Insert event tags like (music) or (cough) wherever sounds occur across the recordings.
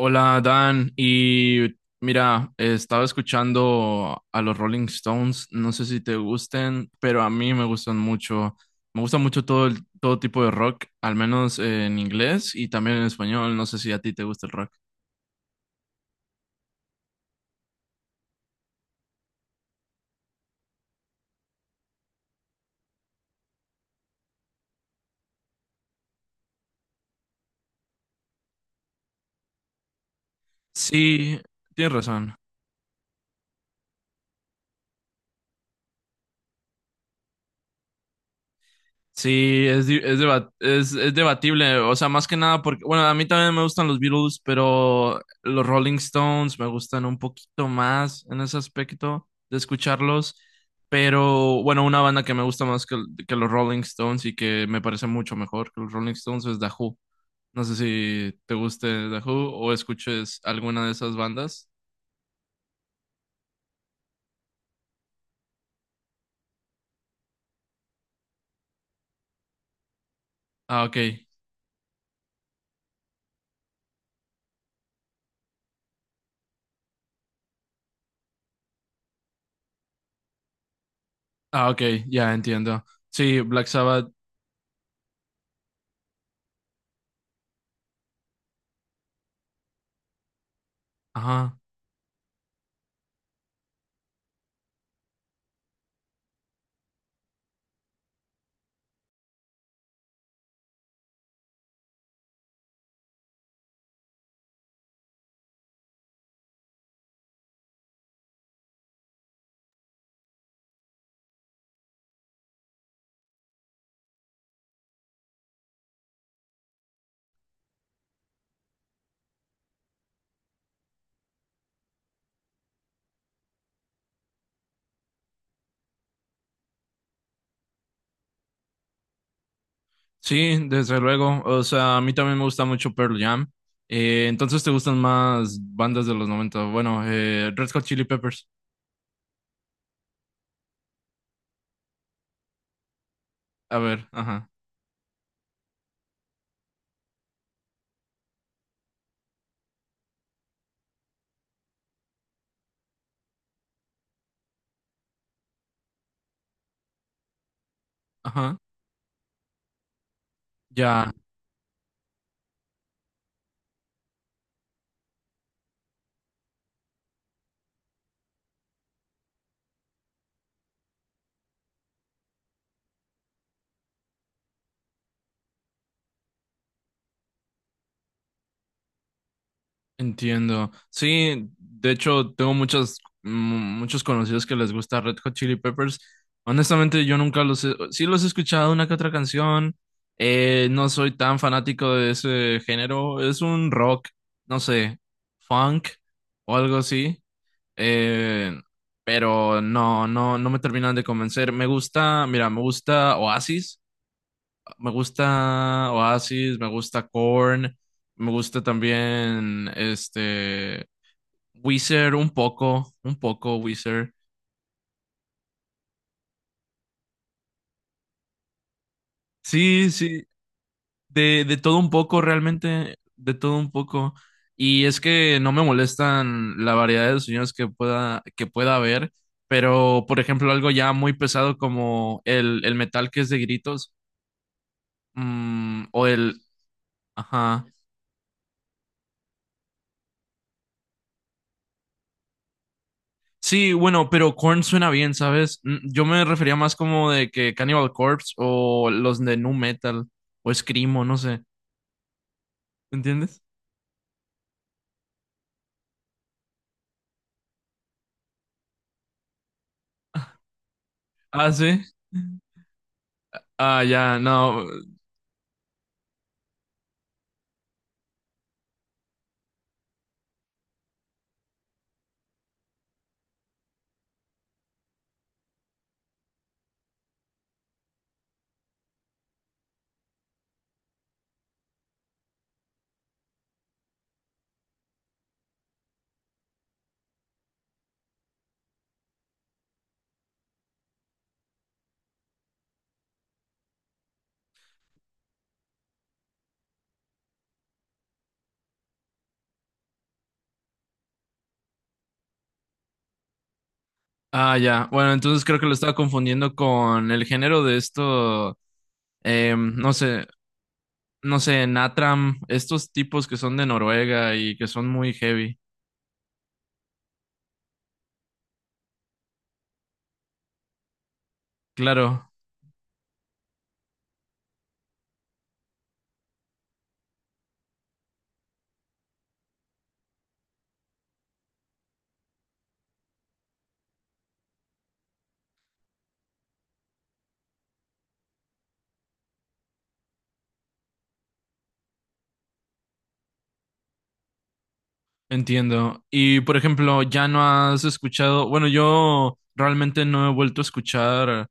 Hola Dan, mira, estaba escuchando a los Rolling Stones, no sé si te gusten, pero a mí me gustan mucho, me gusta mucho todo tipo de rock, al menos en inglés y también en español, no sé si a ti te gusta el rock. Sí, tienes razón. Sí, es, di- es, debat- es debatible, o sea, más que nada porque, bueno, a mí también me gustan los Beatles, pero los Rolling Stones me gustan un poquito más en ese aspecto de escucharlos, pero bueno, una banda que me gusta más que los Rolling Stones y que me parece mucho mejor que los Rolling Stones es The Who. No sé si te guste The Who o escuches alguna de esas bandas. Ah, ok. Ah, ok, ya entiendo. Sí, Black Sabbath. Ajá. Sí, desde luego. O sea, a mí también me gusta mucho Pearl Jam. Entonces, ¿te gustan más bandas de los 90? Bueno, Red Hot Chili Peppers. A ver, ajá, ajá. Ya, entiendo. Sí, de hecho, tengo muchos conocidos que les gusta Red Hot Chili Peppers. Honestamente, yo nunca los he... Sí los he escuchado una que otra canción. No soy tan fanático de ese género. Es un rock, no sé, funk o algo así. Eh, pero no me terminan de convencer. Me gusta, mira, me gusta Oasis, me gusta Oasis, me gusta Korn, me gusta también Weezer un poco Weezer. Sí, sí, de todo un poco realmente, de todo un poco. Y es que no me molestan la variedad de sonidos que que pueda haber, pero por ejemplo algo ya muy pesado como el metal que es de gritos. Mm, o el... Ajá. Sí, bueno, pero Korn suena bien, ¿sabes? Mm, yo me refería más como de que Cannibal Corpse o los de Nu Metal o Screamo, no sé. ¿Entiendes? Ah, sí. Ah, ya, no. Ah, ya. Bueno, entonces creo que lo estaba confundiendo con el género de esto, no sé, no sé, Natram, estos tipos que son de Noruega y que son muy heavy. Claro. Entiendo. Y por ejemplo, ya no has escuchado, bueno, yo realmente no he vuelto a escuchar,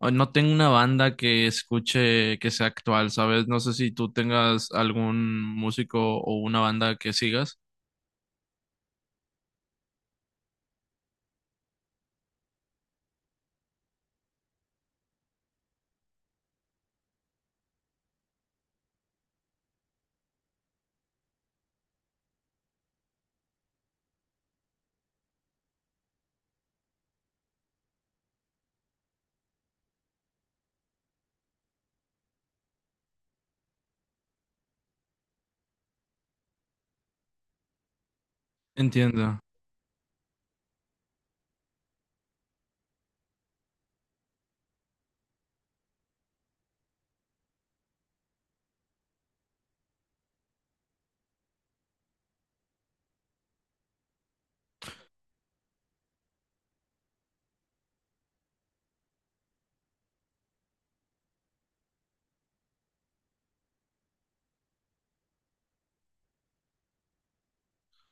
o no tengo una banda que escuche que sea actual, ¿sabes? No sé si tú tengas algún músico o una banda que sigas. Entiendo.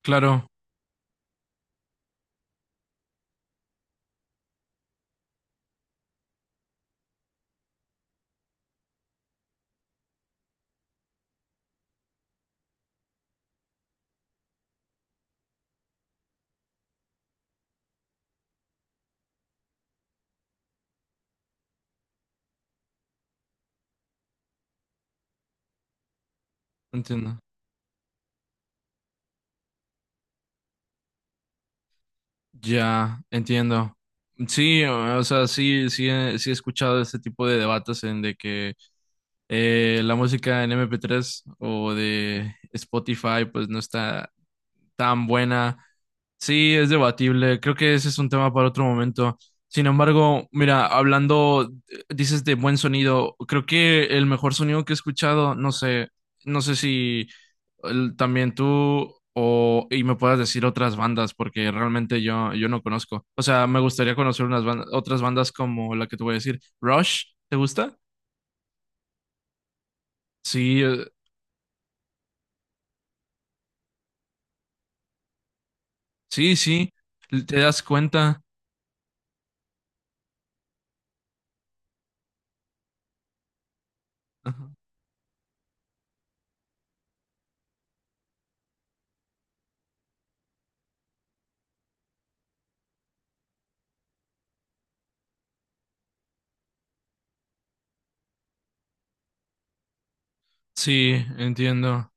Claro, entiendo. Ya, entiendo. Sí, sí he escuchado este tipo de debates en de que la música en MP3 o de Spotify pues no está tan buena. Sí, es debatible. Creo que ese es un tema para otro momento. Sin embargo, mira, hablando, dices de buen sonido, creo que el mejor sonido que he escuchado, no sé, no sé si también tú o y me puedas decir otras bandas, porque realmente yo no conozco. O sea, me gustaría conocer unas bandas, otras bandas como la que te voy a decir. Rush, ¿te gusta? Sí, sí, sí. Te das cuenta. Ajá. Sí, entiendo.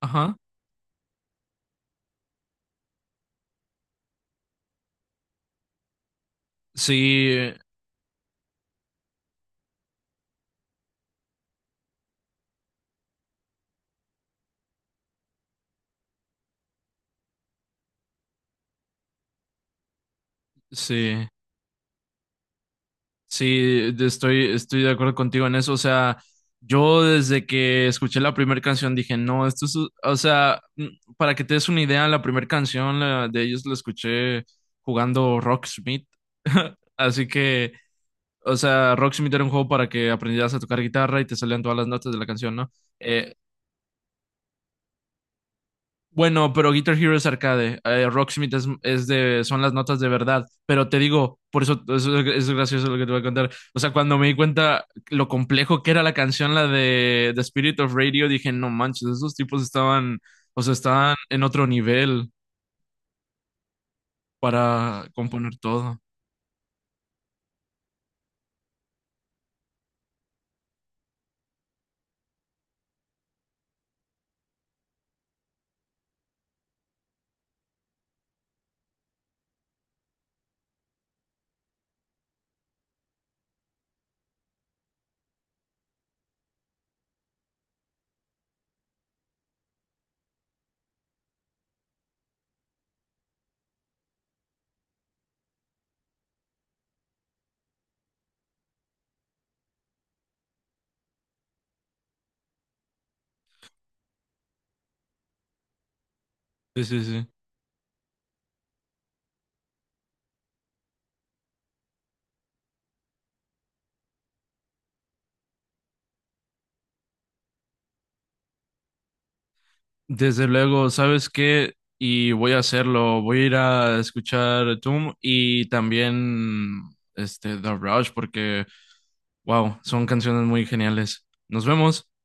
Ajá. Sí, sí, sí, estoy de acuerdo contigo en eso. O sea, yo desde que escuché la primera canción dije, no, esto es, o sea, mm, para que te des una idea, la primera canción la- de ellos la escuché jugando Rocksmith. (laughs) Así que, o sea, Rocksmith era un juego para que aprendieras a tocar guitarra y te salían todas las notas de la canción, ¿no? Eh, Bueno, pero Guitar Hero es arcade, Rocksmith son las notas de verdad, pero te digo, por eso, eso es gracioso lo que te voy a contar. O sea, cuando me di cuenta lo complejo que era la canción, la de The Spirit of Radio, dije, no manches, esos tipos estaban, o sea, estaban en otro nivel para componer todo. Sí, sí, sí. Desde luego, ¿sabes qué? Y voy a hacerlo. Voy a ir a escuchar Toom y también este The Rush porque, wow, son canciones muy geniales. Nos vemos.